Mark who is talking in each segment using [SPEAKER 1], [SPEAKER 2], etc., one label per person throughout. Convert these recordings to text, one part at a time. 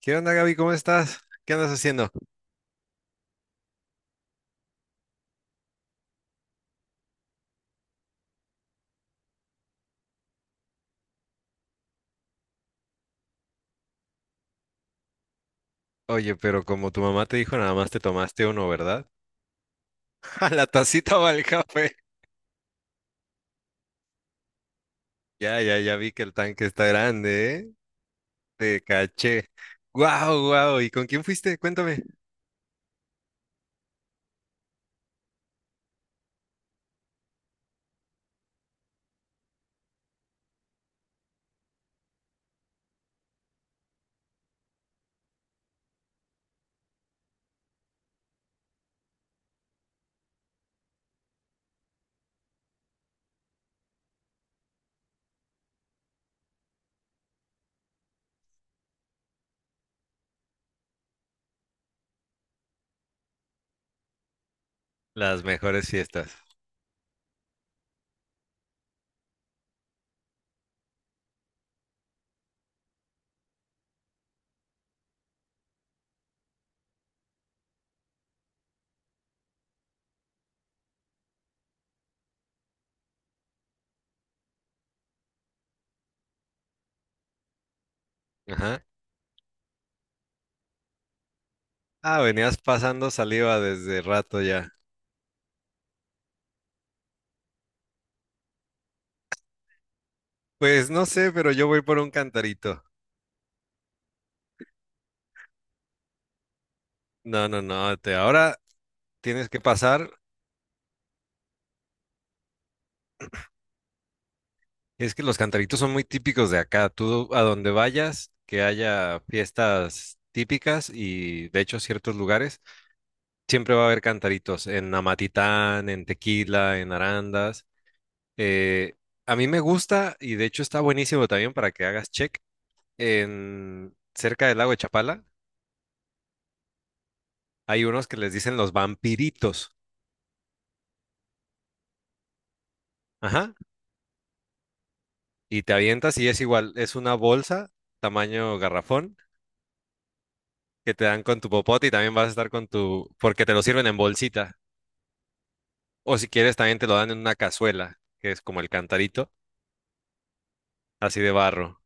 [SPEAKER 1] ¿Qué onda, Gaby? ¿Cómo estás? ¿Qué andas haciendo? Oye, pero como tu mamá te dijo, nada más te tomaste uno, ¿verdad? A la tacita o al café. Ya, ya, ya vi que el tanque está grande, ¿eh? Te caché. ¡Guau, guau! ¿Y con quién fuiste? Cuéntame. Las mejores fiestas. Ajá. Ah, venías pasando saliva desde rato ya. Pues no sé, pero yo voy por un cantarito. No, no, no. Ahora tienes que pasar. Es que los cantaritos son muy típicos de acá. Tú a donde vayas, que haya fiestas típicas y de hecho ciertos lugares, siempre va a haber cantaritos en Amatitán, en Tequila, en Arandas. Eh, a mí me gusta y de hecho está buenísimo también para que hagas check. En cerca del lago de Chapala hay unos que les dicen los vampiritos. Ajá. Y te avientas y es igual, es una bolsa tamaño garrafón que te dan con tu popote y también vas a estar con tu, porque te lo sirven en bolsita. O si quieres, también te lo dan en una cazuela, que es como el cantarito, así de barro.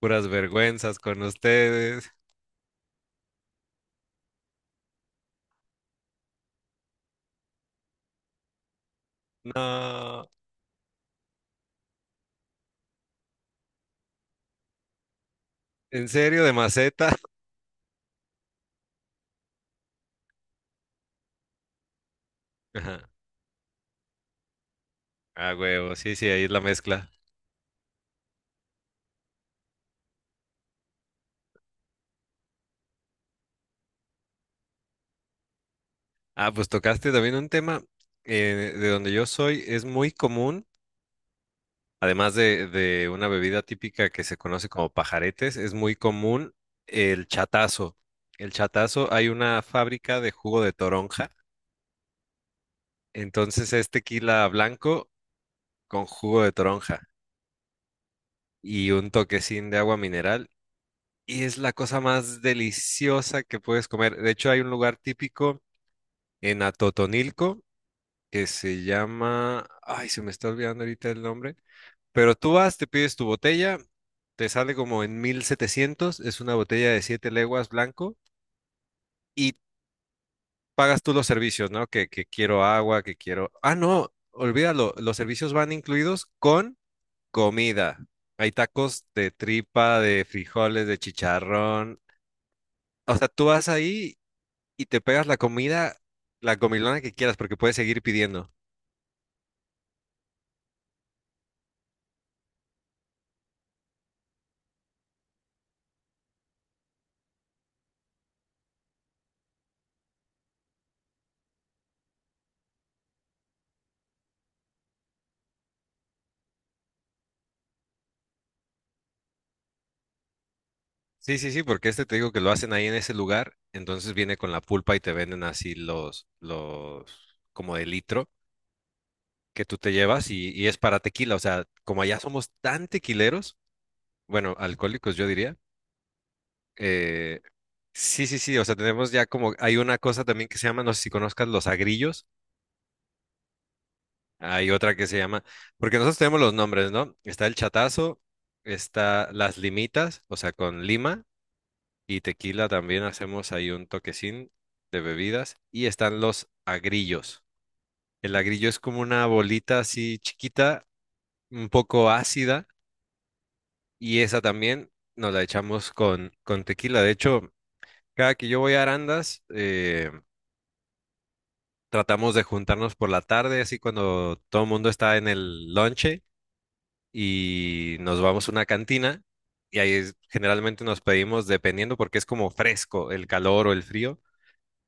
[SPEAKER 1] Puras vergüenzas con ustedes. No, ¿en serio? ¿De maceta? Ajá. Ah, huevo, sí, sí, ahí es la mezcla. Ah, pues tocaste también un tema de donde yo soy, es muy común, además de una bebida típica que se conoce como pajaretes, es muy común el chatazo. El chatazo, hay una fábrica de jugo de toronja, entonces es tequila blanco con jugo de toronja. Y un toquecín de agua mineral. Y es la cosa más deliciosa que puedes comer. De hecho, hay un lugar típico en Atotonilco que se llama... Ay, se me está olvidando ahorita el nombre. Pero tú vas, te pides tu botella, te sale como en 1.700, es una botella de siete leguas blanco y pagas tú los servicios, ¿no? Que quiero agua, que quiero... Ah, no, olvídalo, los servicios van incluidos con comida. Hay tacos de tripa, de frijoles, de chicharrón. O sea, tú vas ahí y te pegas la comida, la comilona que quieras, porque puedes seguir pidiendo. Sí, sí, sí, porque este te digo que lo hacen ahí en ese lugar, entonces viene con la pulpa y te venden así los, como de litro que tú te llevas y es para tequila. O sea, como allá somos tan tequileros, bueno, alcohólicos yo diría, eh, sí, sí, sí, o sea, tenemos ya como, hay una cosa también que se llama, no sé si conozcas, los agrillos. Hay otra que se llama, porque nosotros tenemos los nombres, ¿no? Está el chatazo, está las limitas, o sea, con lima y tequila también hacemos ahí un toquecín de bebidas y están los agrillos. El agrillo es como una bolita así chiquita, un poco ácida y esa también nos la echamos con, tequila. De hecho, cada que yo voy a Arandas, tratamos de juntarnos por la tarde, así cuando todo el mundo está en el lonche y nos vamos a una cantina y generalmente nos pedimos, dependiendo porque es como fresco el calor o el frío,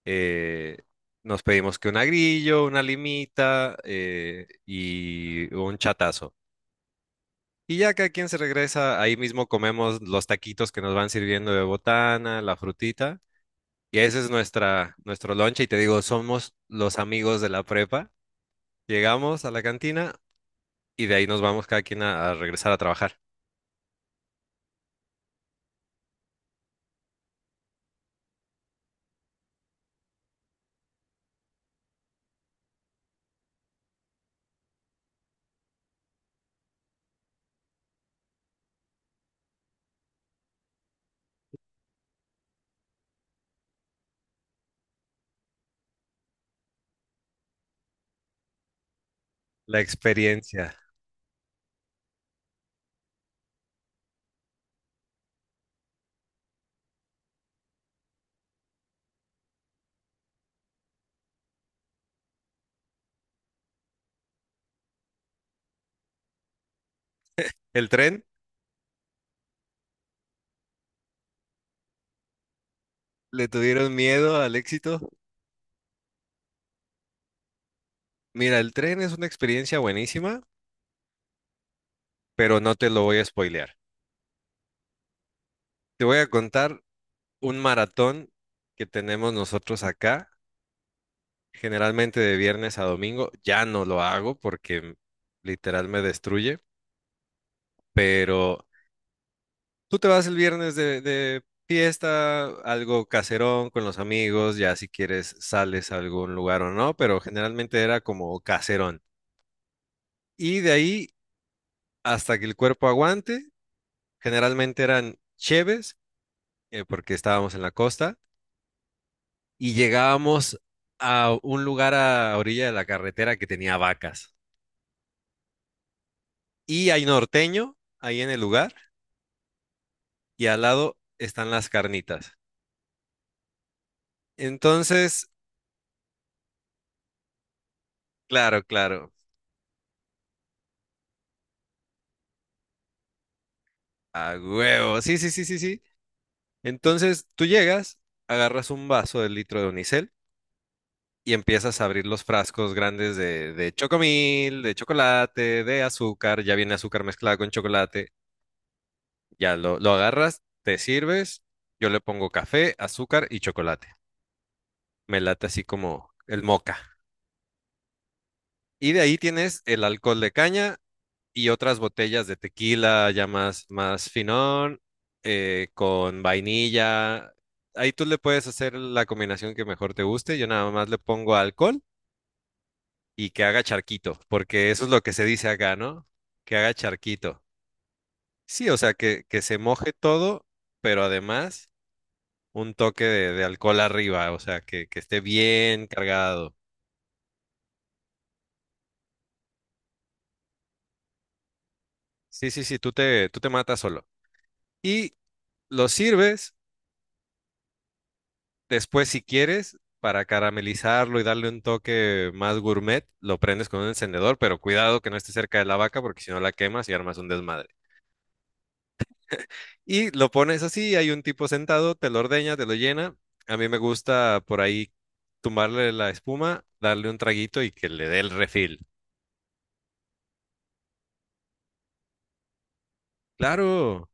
[SPEAKER 1] eh, nos pedimos que un agrillo, una limita y un chatazo. Y ya cada quien se regresa, ahí mismo comemos los taquitos que nos van sirviendo de botana, la frutita. Y ese es nuestra, nuestro lonche. Y te digo, somos los amigos de la prepa. Llegamos a la cantina y de ahí nos vamos cada quien a regresar a trabajar. La experiencia. El tren, le tuvieron miedo al éxito. Mira, el tren es una experiencia buenísima, pero no te lo voy a spoilear. Te voy a contar un maratón que tenemos nosotros acá, generalmente de viernes a domingo. Ya no lo hago porque literal me destruye, pero tú te vas el viernes de, fiesta, algo caserón con los amigos, ya si quieres sales a algún lugar o no, pero generalmente era como caserón. Y de ahí hasta que el cuerpo aguante. Generalmente eran cheves, porque estábamos en la costa, y llegábamos a un lugar a orilla de la carretera que tenía vacas. Y hay norteño ahí en el lugar, y al lado están las carnitas. Entonces, claro, claro, a huevo, sí, sí, sí, sí, sí. Entonces tú llegas, agarras un vaso del litro de unicel y empiezas a abrir los frascos grandes de chocomil, de chocolate, de azúcar, ya viene azúcar mezclada con chocolate. Ya lo agarras, te sirves, yo le pongo café, azúcar y chocolate. Me late así como el moca. Y de ahí tienes el alcohol de caña y otras botellas de tequila ya más, más finón, con vainilla. Ahí tú le puedes hacer la combinación que mejor te guste. Yo nada más le pongo alcohol y que haga charquito, porque eso es lo que se dice acá, ¿no? Que haga charquito. Sí, o sea, que se moje todo, pero además un toque de alcohol arriba, o sea, que esté bien cargado. Sí, sí, sí, tú te matas solo. Y lo sirves después, si quieres, para caramelizarlo y darle un toque más gourmet, lo prendes con un encendedor, pero cuidado que no esté cerca de la vaca, porque si no la quemas y armas un desmadre. Y lo pones así, hay un tipo sentado, te lo ordeña, te lo llena. A mí me gusta por ahí tumbarle la espuma, darle un traguito y que le dé el refil. Claro.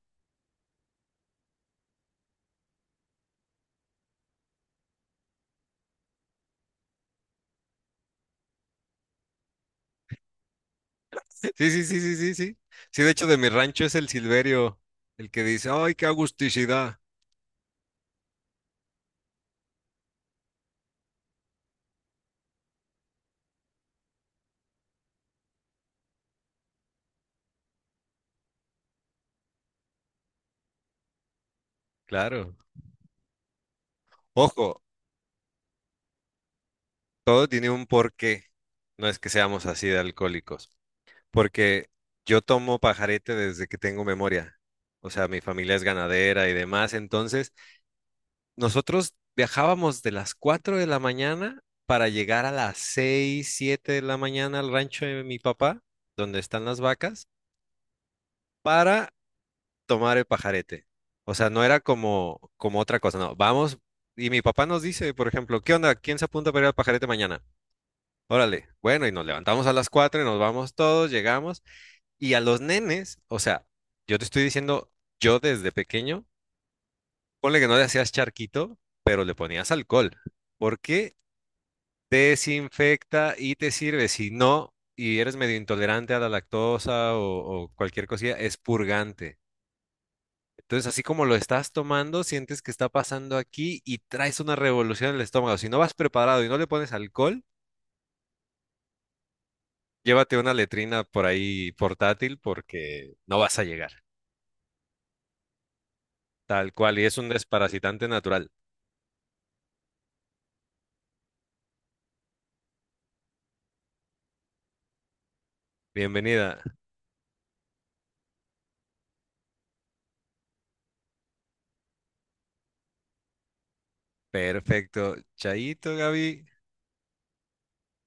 [SPEAKER 1] Sí, sí, sí, sí, sí, sí. Sí, de hecho, de mi rancho es el Silverio el que dice, ¡ay, qué agusticidad! Claro. Ojo, todo tiene un porqué. No es que seamos así de alcohólicos. Porque yo tomo pajarete desde que tengo memoria. O sea, mi familia es ganadera y demás. Entonces, nosotros viajábamos de las 4 de la mañana para llegar a las 6 7 de la mañana al rancho de mi papá, donde están las vacas, para tomar el pajarete. O sea, no era como otra cosa, no. Vamos, y mi papá nos dice, por ejemplo, ¿qué onda? ¿Quién se apunta para ir al pajarete mañana? Órale, bueno, y nos levantamos a las 4 y nos vamos todos, llegamos. Y a los nenes, o sea, yo te estoy diciendo, yo desde pequeño, ponle que no le hacías charquito, pero le ponías alcohol. Porque desinfecta y te sirve. Si no, y eres medio intolerante a la lactosa o cualquier cosilla, es purgante. Entonces, así como lo estás tomando, sientes que está pasando aquí y traes una revolución en el estómago. Si no vas preparado y no le pones alcohol, llévate una letrina por ahí portátil porque no vas a llegar. Tal cual, y es un desparasitante natural. Bienvenida. Perfecto. Chaito, Gaby.